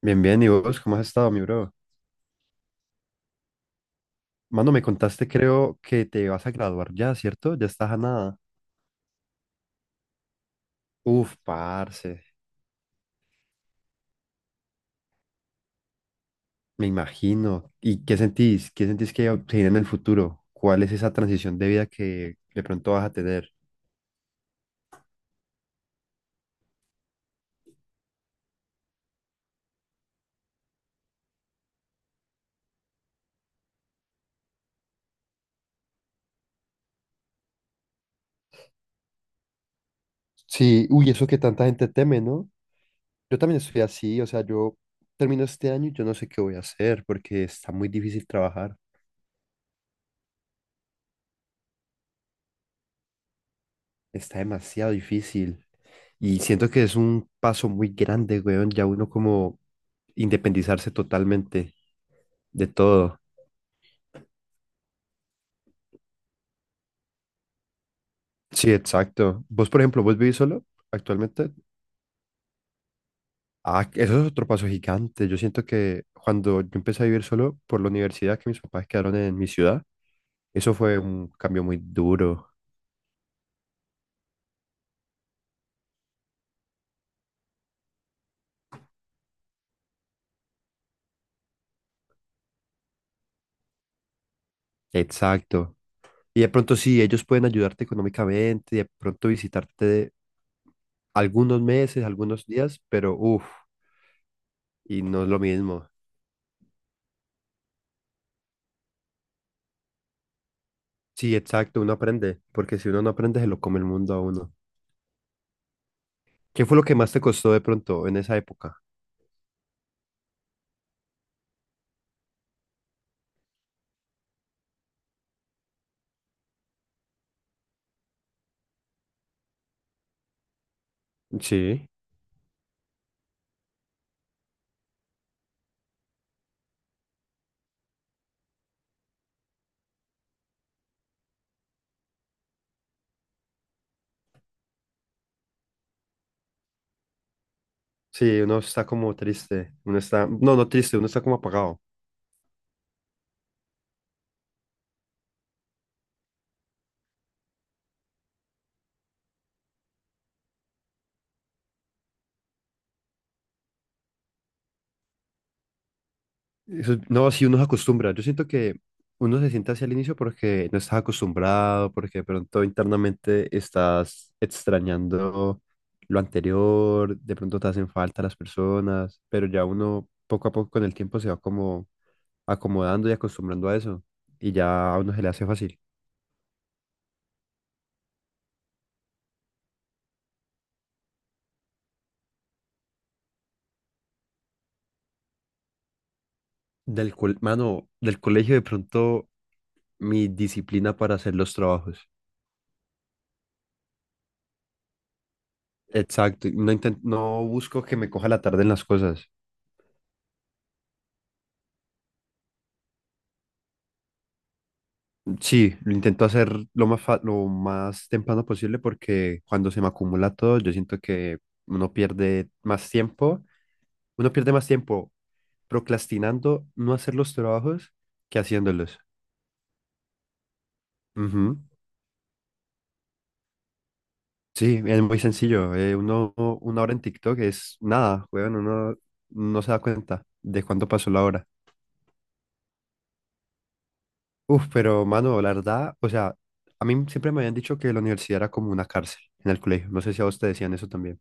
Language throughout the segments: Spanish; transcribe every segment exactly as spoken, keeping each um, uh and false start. Bien, bien, ¿y vos cómo has estado, mi bro? Mano, me contaste, creo que te vas a graduar ya, ¿cierto? Ya estás a nada. Uf, parce, me imagino. ¿Y qué sentís? ¿Qué sentís que se viene en el futuro? ¿Cuál es esa transición de vida que de pronto vas a tener? Sí, uy, eso que tanta gente teme, ¿no? Yo también estoy así, o sea, yo termino este año y yo no sé qué voy a hacer porque está muy difícil trabajar. Está demasiado difícil. Y siento que es un paso muy grande, weón, ya uno como independizarse totalmente de todo. Sí, exacto. Vos, por ejemplo, vos vivís solo actualmente. Ah, eso es otro paso gigante. Yo siento que cuando yo empecé a vivir solo por la universidad, que mis papás quedaron en mi ciudad, eso fue un cambio muy duro. Exacto. Y de pronto sí, ellos pueden ayudarte económicamente, de pronto visitarte algunos meses, algunos días, pero uff. Y no es lo mismo. Sí, exacto, uno aprende, porque si uno no aprende, se lo come el mundo a uno. ¿Qué fue lo que más te costó de pronto en esa época? Sí. Sí, uno está como triste, uno está, no, no triste, uno está como apagado. Eso- no, si uno se acostumbra. Yo siento que uno se siente hacia el inicio porque no estás acostumbrado, porque de pronto internamente estás extrañando lo anterior, de pronto te hacen falta las personas, pero ya uno poco a poco con el tiempo se va como acomodando y acostumbrando a eso. Y ya a uno se le hace fácil. Del col- mano, del colegio de pronto mi disciplina para hacer los trabajos. Exacto, y no inten- no busco que me coja la tarde en las cosas. Sí, lo intento hacer lo más fa- lo más temprano posible porque cuando se me acumula todo, yo siento que uno pierde más tiempo, uno pierde más tiempo procrastinando no hacer los trabajos que haciéndolos. Ujú. Sí, es muy sencillo. Eh, uno, una hora en TikTok es nada, weón, uno no se da cuenta de cuánto pasó la hora. Uf, pero mano, la verdad, o sea, a mí siempre me habían dicho que la universidad era como una cárcel en el colegio. No sé si a vos te decían eso también,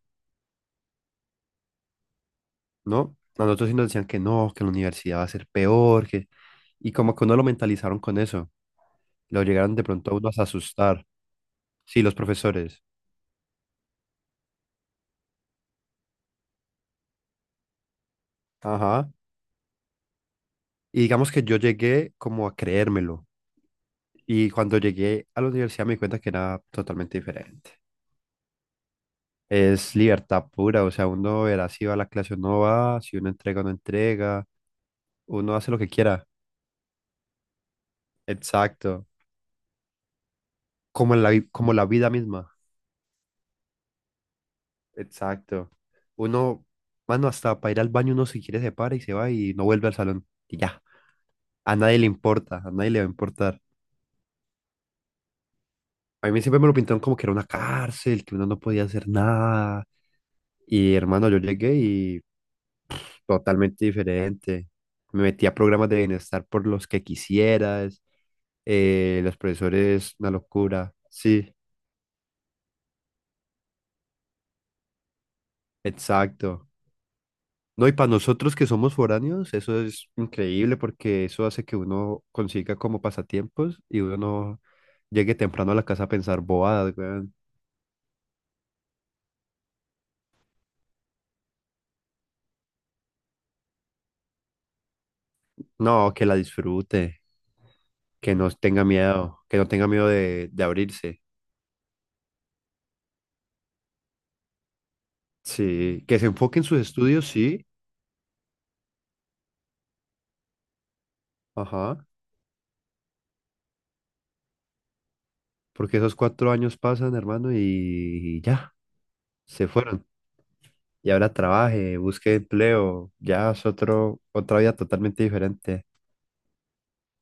¿no? A nosotros sí nos decían que no, que la universidad va a ser peor, que... Y como que uno lo mentalizaron con eso. Lo llegaron de pronto a uno a asustar. Sí, los profesores. Ajá. Y digamos que yo llegué como a creérmelo. Y cuando llegué a la universidad me di cuenta que era totalmente diferente. Es libertad pura, o sea, uno verá si va a la clase o no va, si uno entrega o no entrega, uno hace lo que quiera. Exacto. Como en la, vi- como la vida misma. Exacto. Uno, mano, hasta para ir al baño uno si quiere se para y se va y no vuelve al salón. Y ya. A nadie le importa, a nadie le va a importar. A mí siempre me lo pintaron como que era una cárcel, que uno no podía hacer nada. Y hermano, yo llegué y totalmente diferente. Me metía a programas de bienestar por los que quisieras. eh, los profesores, una locura. Sí, exacto. No, y para nosotros que somos foráneos, eso es increíble porque eso hace que uno consiga como pasatiempos y uno no llegue temprano a la casa a pensar bobadas, weón. No, que la disfrute, que no tenga miedo, que no tenga miedo de, de abrirse. Sí, que se enfoque en sus estudios, sí. Ajá. Porque esos cuatro años pasan, hermano, y ya, se fueron. Y ahora trabaje, busque empleo, ya es otro, otra vida totalmente diferente.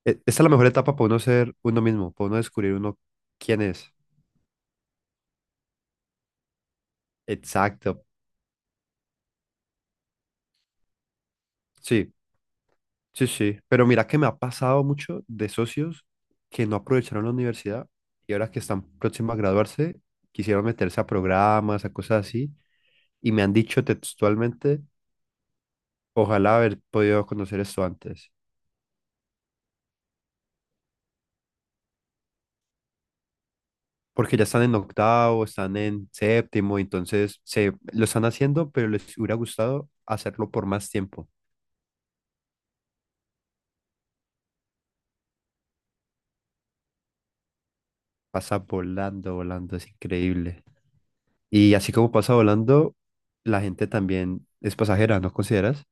E- Esta es la mejor etapa para uno ser uno mismo, para uno descubrir uno quién es. Exacto. Sí, sí, sí. Pero mira que me ha pasado mucho de socios que no aprovecharon la universidad y ahora que están próximos a graduarse, quisieron meterse a programas, a cosas así, y me han dicho textualmente, ojalá haber podido conocer esto antes. Porque ya están en octavo, están en séptimo, entonces se lo están haciendo, pero les hubiera gustado hacerlo por más tiempo. Pasa volando, volando, es increíble. Y así como pasa volando, la gente también es pasajera, ¿no consideras?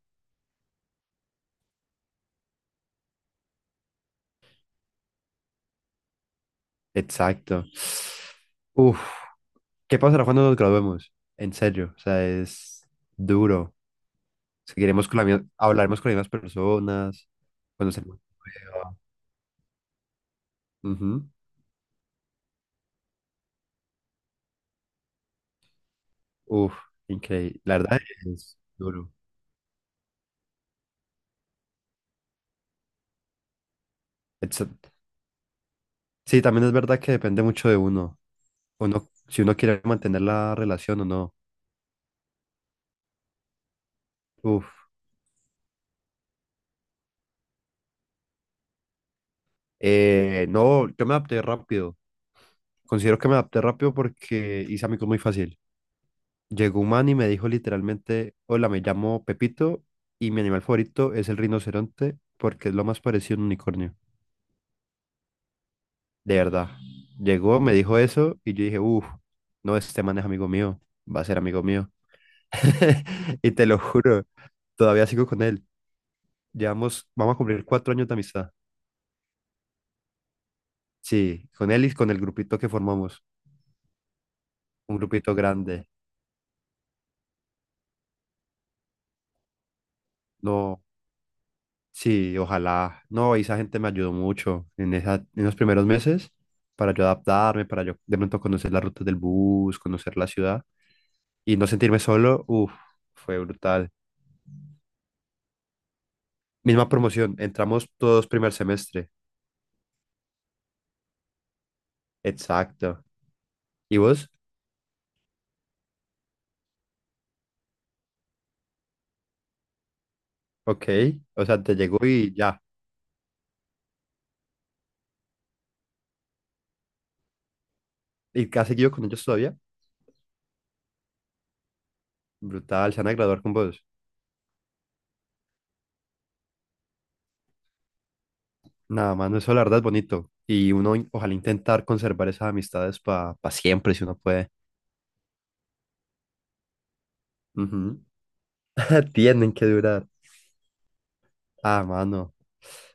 Exacto. Uf, ¿qué pasará cuando nos graduemos? En serio, o sea, es duro. Seguiremos con la misma, hablaremos con las mismas personas, conoceremos. Ujú. Uf, increíble. La verdad es duro. Sí, también es verdad que depende mucho de uno. Uno, si uno quiere mantener la relación o no. Uf. Eh, no, yo me adapté rápido. Considero que me adapté rápido porque hice amigos muy fácil. Llegó un man y me dijo literalmente, hola, me llamo Pepito y mi animal favorito es el rinoceronte porque es lo más parecido a un unicornio. De verdad. Llegó, me dijo eso y yo dije, uff, no, este man es amigo mío, va a ser amigo mío. Y te lo juro, todavía sigo con él. Llevamos, vamos a cumplir cuatro años de amistad. Sí, con él y con el grupito que formamos, un grupito grande. No, sí, ojalá. No, esa gente me ayudó mucho en esa, en los primeros meses para yo adaptarme, para yo de pronto conocer las rutas del bus, conocer la ciudad y no sentirme solo. Uf, fue brutal. Misma promoción, entramos todos primer semestre. Exacto. ¿Y vos? Ok, o sea, te llegó y ya. ¿Y has seguido con ellos todavía? Brutal, se van a graduar con vos. Nada, mano, eso la verdad es bonito. Y uno in- ojalá intentar conservar esas amistades para siempre, si uno puede. Ujú. Tienen que durar. Ah, mano.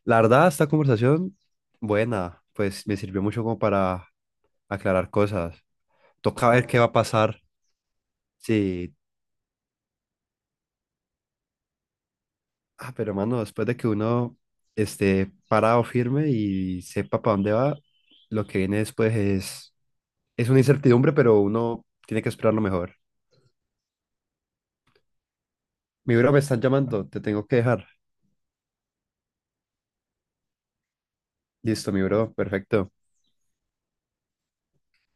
La verdad, esta conversación, buena, pues me sirvió mucho como para aclarar cosas. Toca ver qué va a pasar. Sí. Ah, pero mano, después de que uno esté parado firme y sepa para dónde va, lo que viene después es, es una incertidumbre, pero uno tiene que esperar lo mejor. Mi bro, me están llamando, te tengo que dejar. Listo, mi bro, perfecto.